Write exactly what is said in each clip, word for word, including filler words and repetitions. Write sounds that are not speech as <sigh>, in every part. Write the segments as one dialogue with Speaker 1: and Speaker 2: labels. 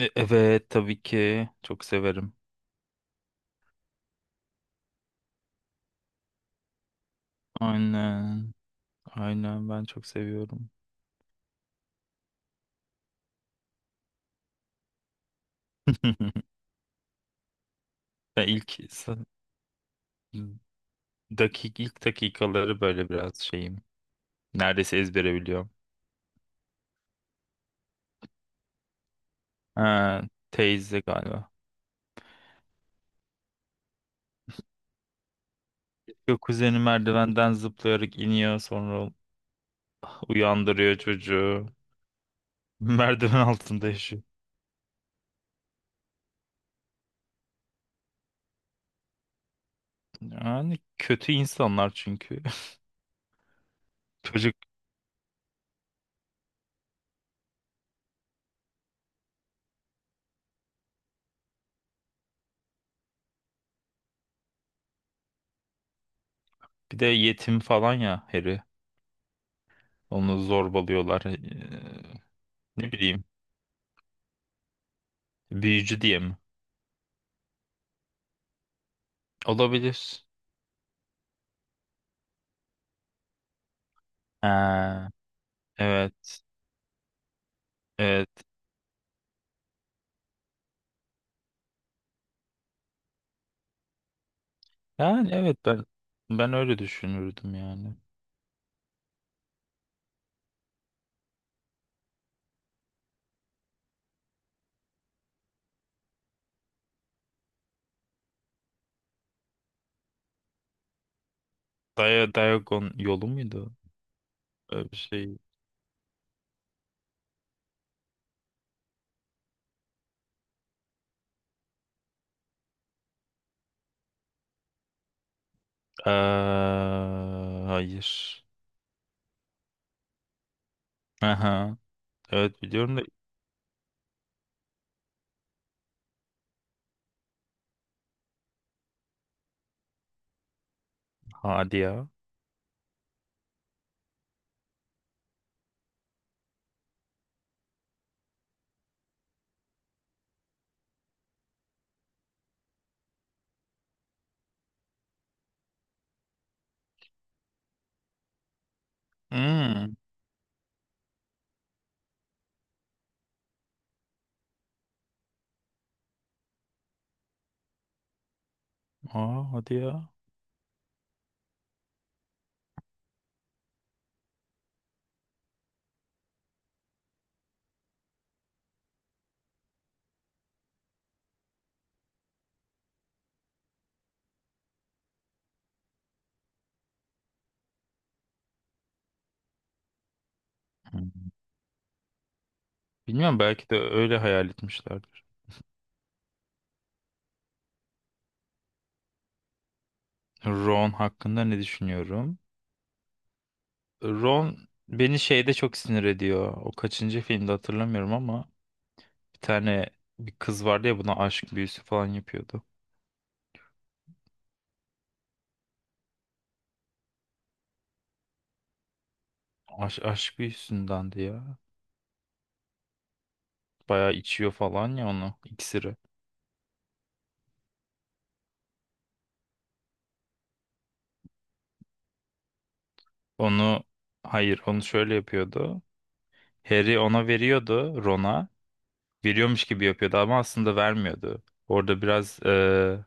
Speaker 1: E- Evet tabii ki çok severim. Aynen. Aynen ben çok seviyorum. <laughs> Ben ilk sa- Dakik ilk dakikaları böyle biraz şeyim. Neredeyse ezbere biliyorum. Ha, teyze galiba. Yok, kuzeni merdivenden zıplayarak iniyor, sonra uyandırıyor çocuğu. <laughs> Merdiven altında yaşıyor. Yani kötü insanlar çünkü. <laughs> Çocuk bir de yetim falan ya Harry. Onu zorbalıyorlar. Ee, ne bileyim. Büyücü diye mi? Olabilir. Ha, evet. Evet. Yani evet, ben ben öyle düşünürdüm yani. Dia Diagon yolu muydu? Öyle bir şey. Aa, hayır. Aha. Evet, biliyorum da. Hadi ya. Hmm. Aa, hadi ya. Hmm. Bilmiyorum, belki de öyle hayal etmişlerdir. Ron hakkında ne düşünüyorum? Ron beni şeyde çok sinir ediyor. O kaçıncı filmde hatırlamıyorum ama. Bir tane bir kız vardı ya, buna aşk büyüsü falan yapıyordu. Aş, aşk büyüsündendi ya. Bayağı içiyor falan ya onu, iksiri. Onu, hayır, onu şöyle yapıyordu. Harry ona veriyordu, Ron'a. Veriyormuş gibi yapıyordu ama aslında vermiyordu. Orada biraz e,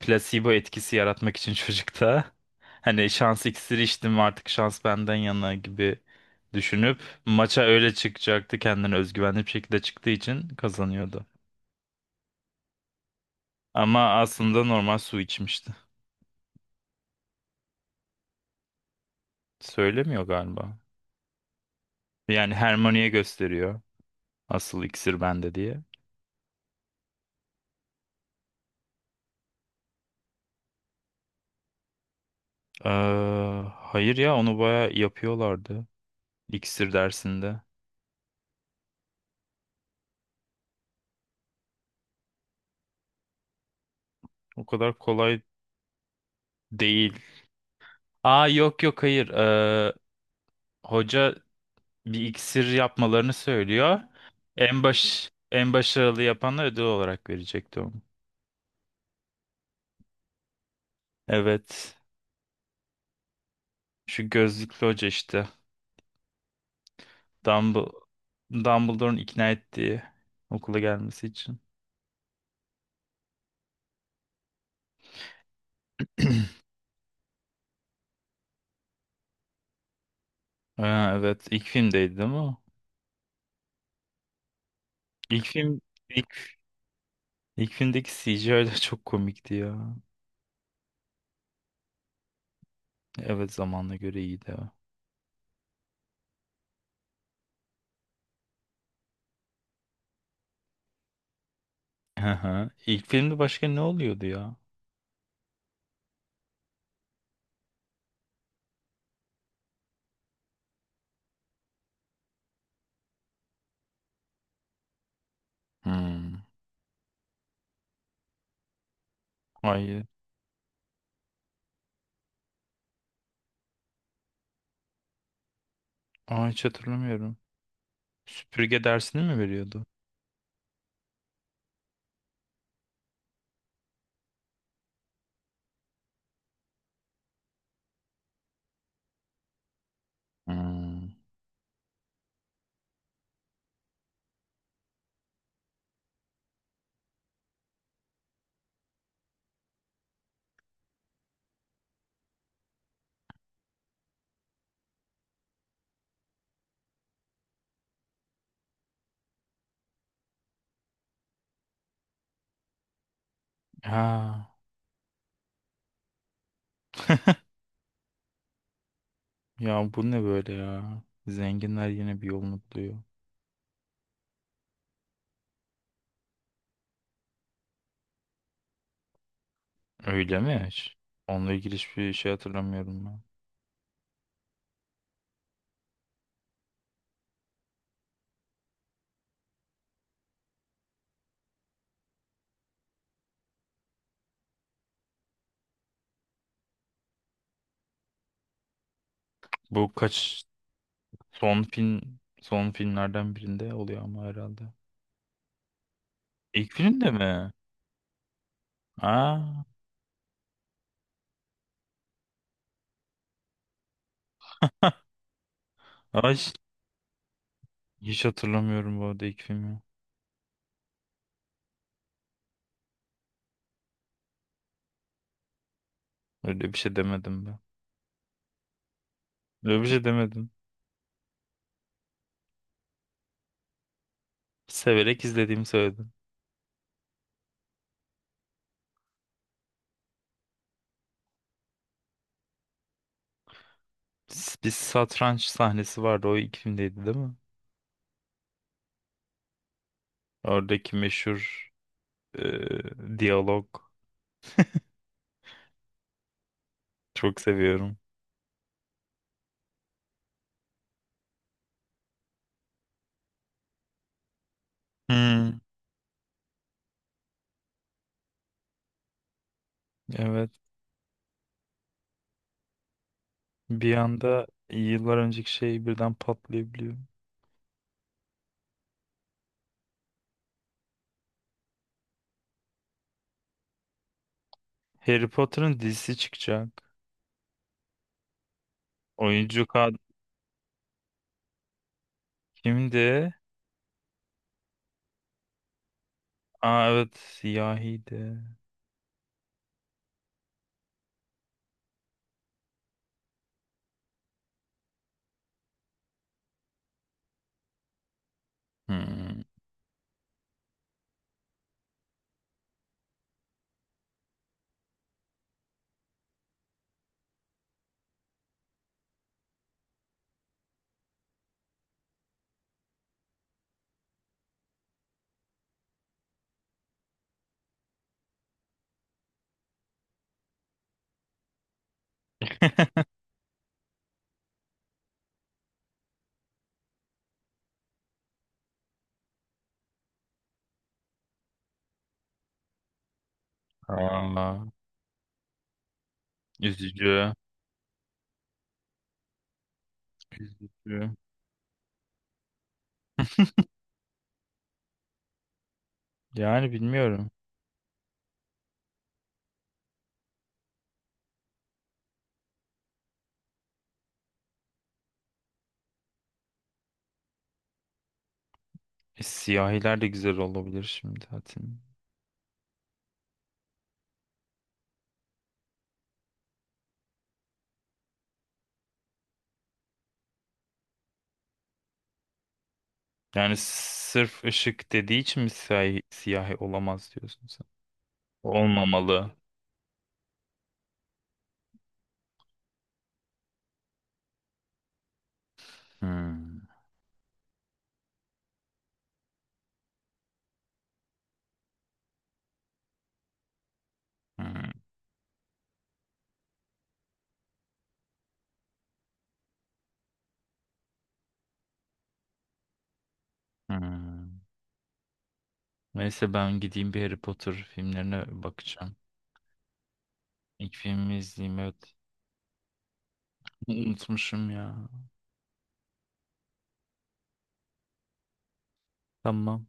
Speaker 1: plasebo etkisi yaratmak için <laughs> çocukta. Hani şans iksiri içtim, artık şans benden yana gibi düşünüp maça öyle çıkacaktı, kendine özgüvenli bir şekilde çıktığı için kazanıyordu. Ama aslında normal su içmişti. Söylemiyor galiba. Yani Hermione'ye gösteriyor. Asıl iksir bende diye. Ee, hayır ya, onu baya yapıyorlardı. İksir dersinde. O kadar kolay değil. Aa yok yok, hayır. Ee, hoca bir iksir yapmalarını söylüyor. En baş en başarılı yapanlar ödül olarak verecekti onu. Evet. Şu gözlüklü hoca işte. Dumbledore, Dumbledore'un ikna ettiği, okula gelmesi için. Ha, evet, ilk filmdeydi değil mi o? İlk film ilk, ilk filmdeki C G I de çok komikti ya. Evet, zamanla göre iyiydi o. Hı hı. İlk filmde başka ne oluyordu ya? Hmm. Hayır. Aa, hiç hatırlamıyorum. Süpürge dersini mi veriyordu? Hmm. Ha. Ya bu ne böyle ya? Zenginler yine bir yolunu buluyor. Öyle mi hiç? Onunla ilgili hiçbir şey hatırlamıyorum ben. Bu kaç Son film, son filmlerden birinde oluyor ama herhalde. İlk filmde mi? Aa, ay, hiç hatırlamıyorum bu arada ilk filmi. Öyle bir şey demedim ben. Öyle bir şey demedim. Severek izlediğimi söyledim. S- Bir satranç sahnesi vardı. O ilk filmdeydi değil mi? Oradaki meşhur e, diyalog. Çok seviyorum. Hmm, evet. Bir anda yıllar önceki şey birden patlayabiliyor. Harry Potter'ın dizisi çıkacak. Oyuncu kadro kimdi? Aa, evet, siyahi de. Hmm. <laughs> Aa, üzücü. Diyor. Yani bilmiyorum. E, siyahiler de güzel olabilir şimdi zaten. Yani sırf ışık dediği için mi siyahi, siyahi olamaz diyorsun sen? Olmamalı. Hmm, hmm, hmm. Neyse ben gideyim, bir Harry Potter filmlerine bakacağım. İlk filmi izleyeyim, evet. <laughs> Unutmuşum ya. Tamam.